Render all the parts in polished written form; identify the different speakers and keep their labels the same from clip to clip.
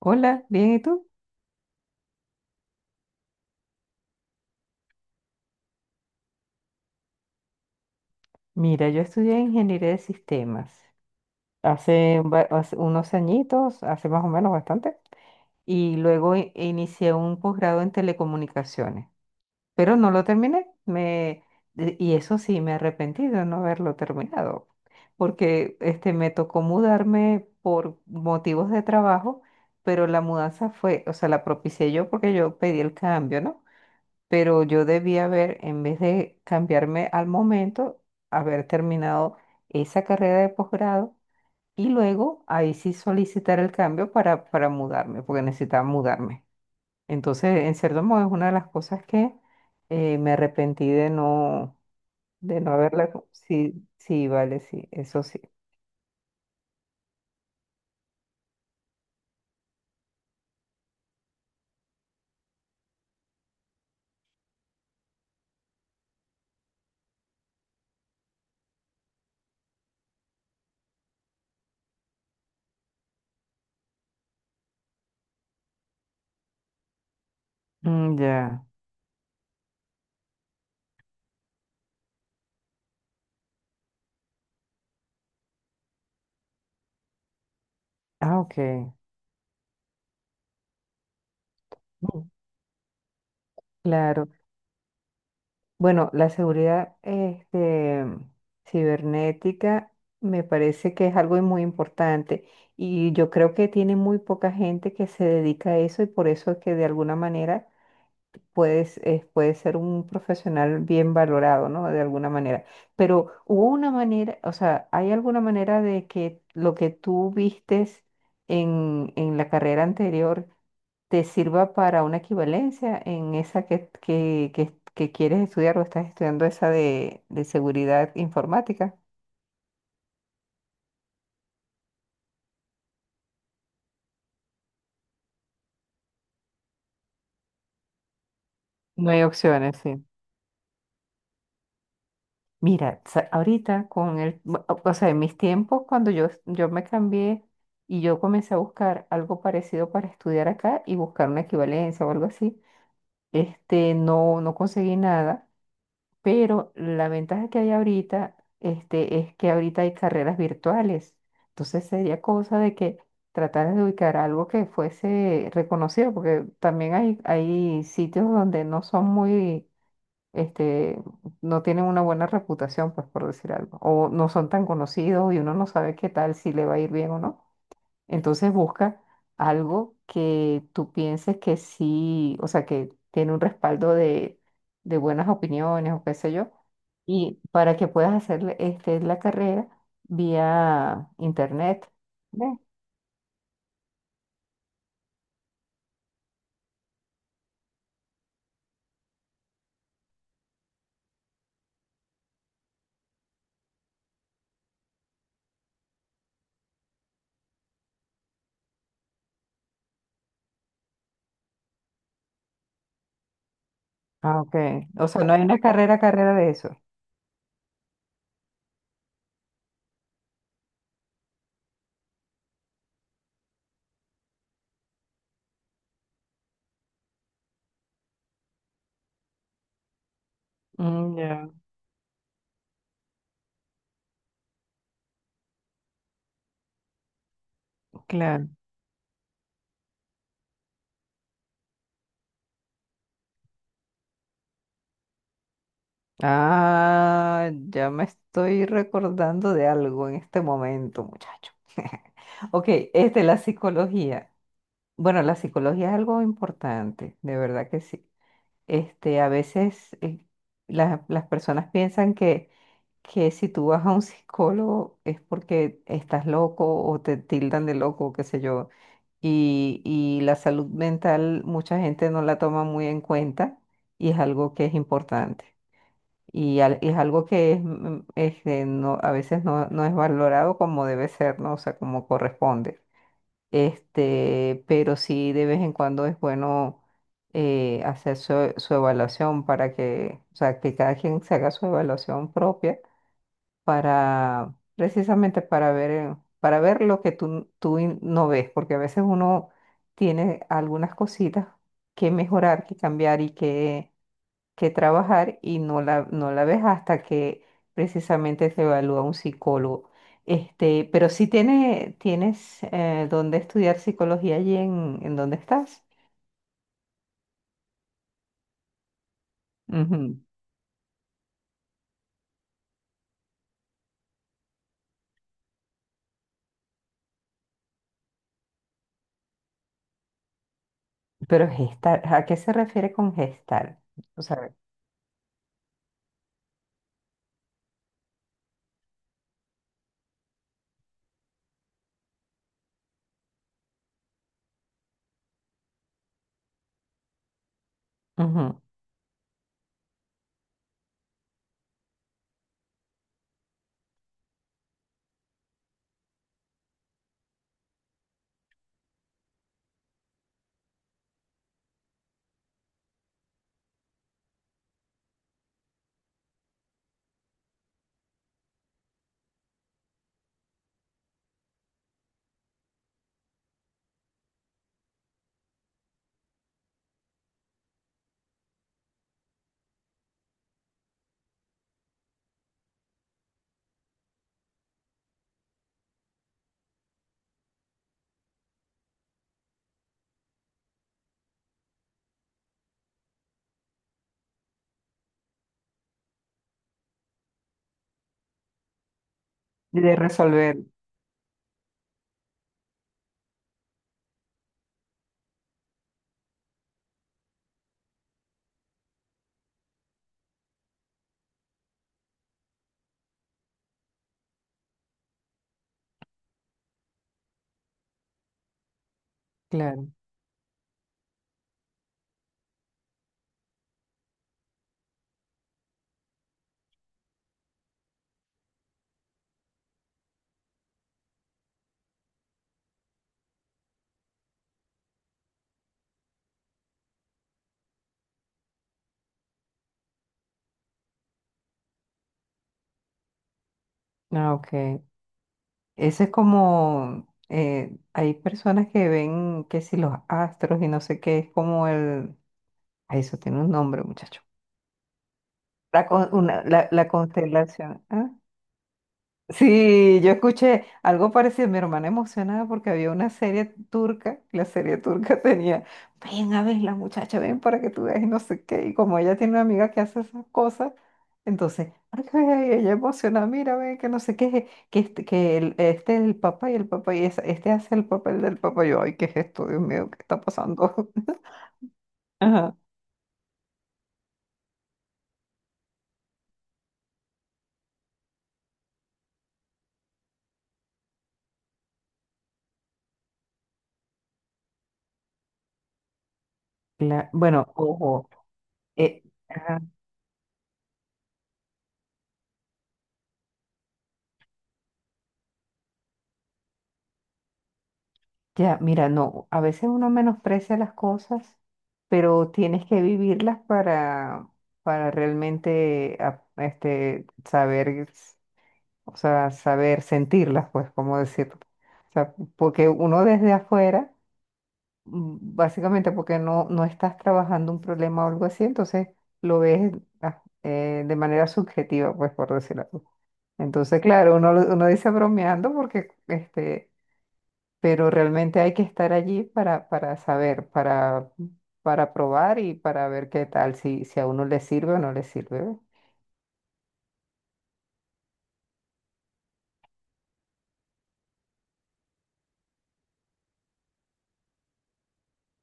Speaker 1: Hola, bien, ¿y tú? Mira, yo estudié ingeniería de sistemas hace unos añitos, hace más o menos bastante, y luego inicié un posgrado en telecomunicaciones, pero no lo terminé. Y eso sí, me arrepentí de no haberlo terminado, porque me tocó mudarme por motivos de trabajo, pero la mudanza fue. La propicié yo porque yo pedí el cambio, ¿no? Pero yo debía haber, en vez de cambiarme al momento, haber terminado esa carrera de posgrado y luego ahí sí solicitar el cambio para mudarme, porque necesitaba mudarme. Entonces, en cierto modo, es una de las cosas que me arrepentí de no haberla. Sí, sí, vale, sí, eso sí. Mm, ya. Ah, ok. Mm. Claro. Bueno, la seguridad cibernética me parece que es algo muy importante, y yo creo que tiene muy poca gente que se dedica a eso, y por eso es que de alguna manera puedes ser un profesional bien valorado, ¿no? De alguna manera. Pero hubo una manera, o sea, ¿hay alguna manera de que lo que tú vistes en la carrera anterior te sirva para una equivalencia en esa que quieres estudiar o estás estudiando esa de seguridad informática? No hay opciones, sí. Mira, sa- ahorita con el. O sea, en mis tiempos cuando yo me cambié y yo comencé a buscar algo parecido para estudiar acá y buscar una equivalencia o algo así, no conseguí nada, pero la ventaja que hay ahorita, es que ahorita hay carreras virtuales. Entonces sería cosa de que tratar de ubicar algo que fuese reconocido, porque también hay sitios donde no son muy este, no tienen una buena reputación, pues por decir algo, o no son tan conocidos y uno no sabe qué tal, si le va a ir bien o no. Entonces busca algo que tú pienses que sí, o sea, que tiene un respaldo de buenas opiniones o qué sé yo, y para que puedas hacer la carrera vía internet. ¿Ve? Ah, ok. O sea, no hay una carrera de eso. Mm, ya, claro. Ah, ya me estoy recordando de algo en este momento, muchacho. Ok, la psicología. Bueno, la psicología es algo importante, de verdad que sí. A veces las personas piensan que si tú vas a un psicólogo es porque estás loco o te tildan de loco, qué sé yo. Y la salud mental mucha gente no la toma muy en cuenta y es algo que es importante. Y es algo que es, a veces no es valorado como debe ser, ¿no? O sea, como corresponde. Pero sí de vez en cuando es bueno hacer su evaluación para que, o sea, que cada quien se haga su evaluación propia para, precisamente para ver lo que tú no ves, porque a veces uno tiene algunas cositas que mejorar, que cambiar y que trabajar y no no la ves hasta que precisamente se evalúa un psicólogo. Pero sí tienes dónde estudiar psicología allí en donde estás. Ujú. Pero gestar, ¿a qué se refiere con gestar? O sea, ujú, de resolver. Claro. Ah, ok. Eso es como, hay personas que ven que si los astros y no sé qué, es como el, ay, eso tiene un nombre, muchacho. La constelación. ¿Ah? Sí, yo escuché algo parecido, mi hermana emocionada porque había una serie turca, la serie turca tenía, ven a ver la muchacha, ven para que tú veas y no sé qué, y como ella tiene una amiga que hace esas cosas, entonces, ay, ay, ella emocionada, mira, ven que no sé qué, que este es el papá y este hace el papel del papá, yo, ay, ¿qué es esto? Dios mío, ¿qué está pasando? Ajá. Bueno, ojo, eh, ah. Ya, mira, no, a veces uno menosprecia las cosas, pero tienes que vivirlas para realmente saber, o sea, saber sentirlas, pues, cómo decirlo. O sea, porque uno desde afuera, básicamente porque no estás trabajando un problema o algo así, entonces lo ves de manera subjetiva, pues, por decirlo así. Entonces, claro, uno dice bromeando porque pero realmente hay que estar allí para saber, para probar y para ver qué tal, si a uno le sirve o no le sirve. ¿Ve?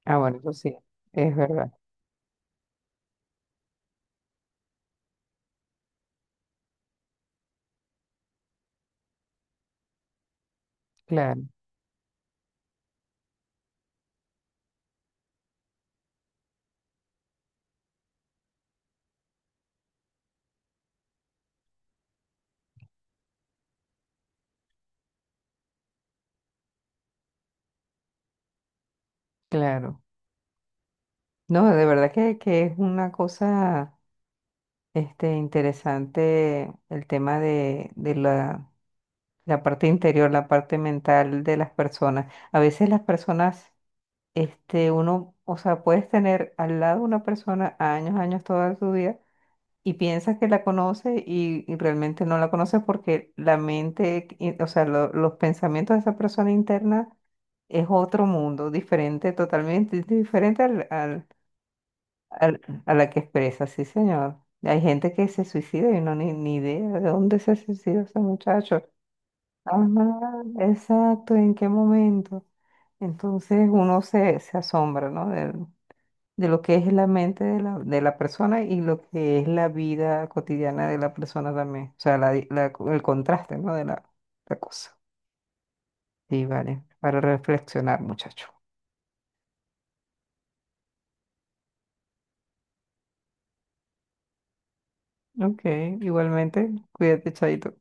Speaker 1: Ah, bueno, eso sí, es verdad, claro, claro. No, de verdad que es una cosa interesante el tema de la parte interior, la parte mental de las personas. A veces las personas, o sea, puedes tener al lado una persona años, años, toda su vida y piensas que la conoce y realmente no la conoces porque la mente. O sea, los pensamientos de esa persona interna es otro mundo, diferente, totalmente diferente a la que expresa, sí, señor. Hay gente que se suicida y no ni idea de dónde se suicidó ese muchacho. Ajá, exacto, ¿en qué momento? Entonces uno se asombra, ¿no? De lo que es la mente de de la persona y lo que es la vida cotidiana de la persona también. O sea, la, di- la co- el contraste, ¿no? De la cosa. Sí, vale. Para reflexionar, muchacho. Ok, igualmente, cuídate, chaito.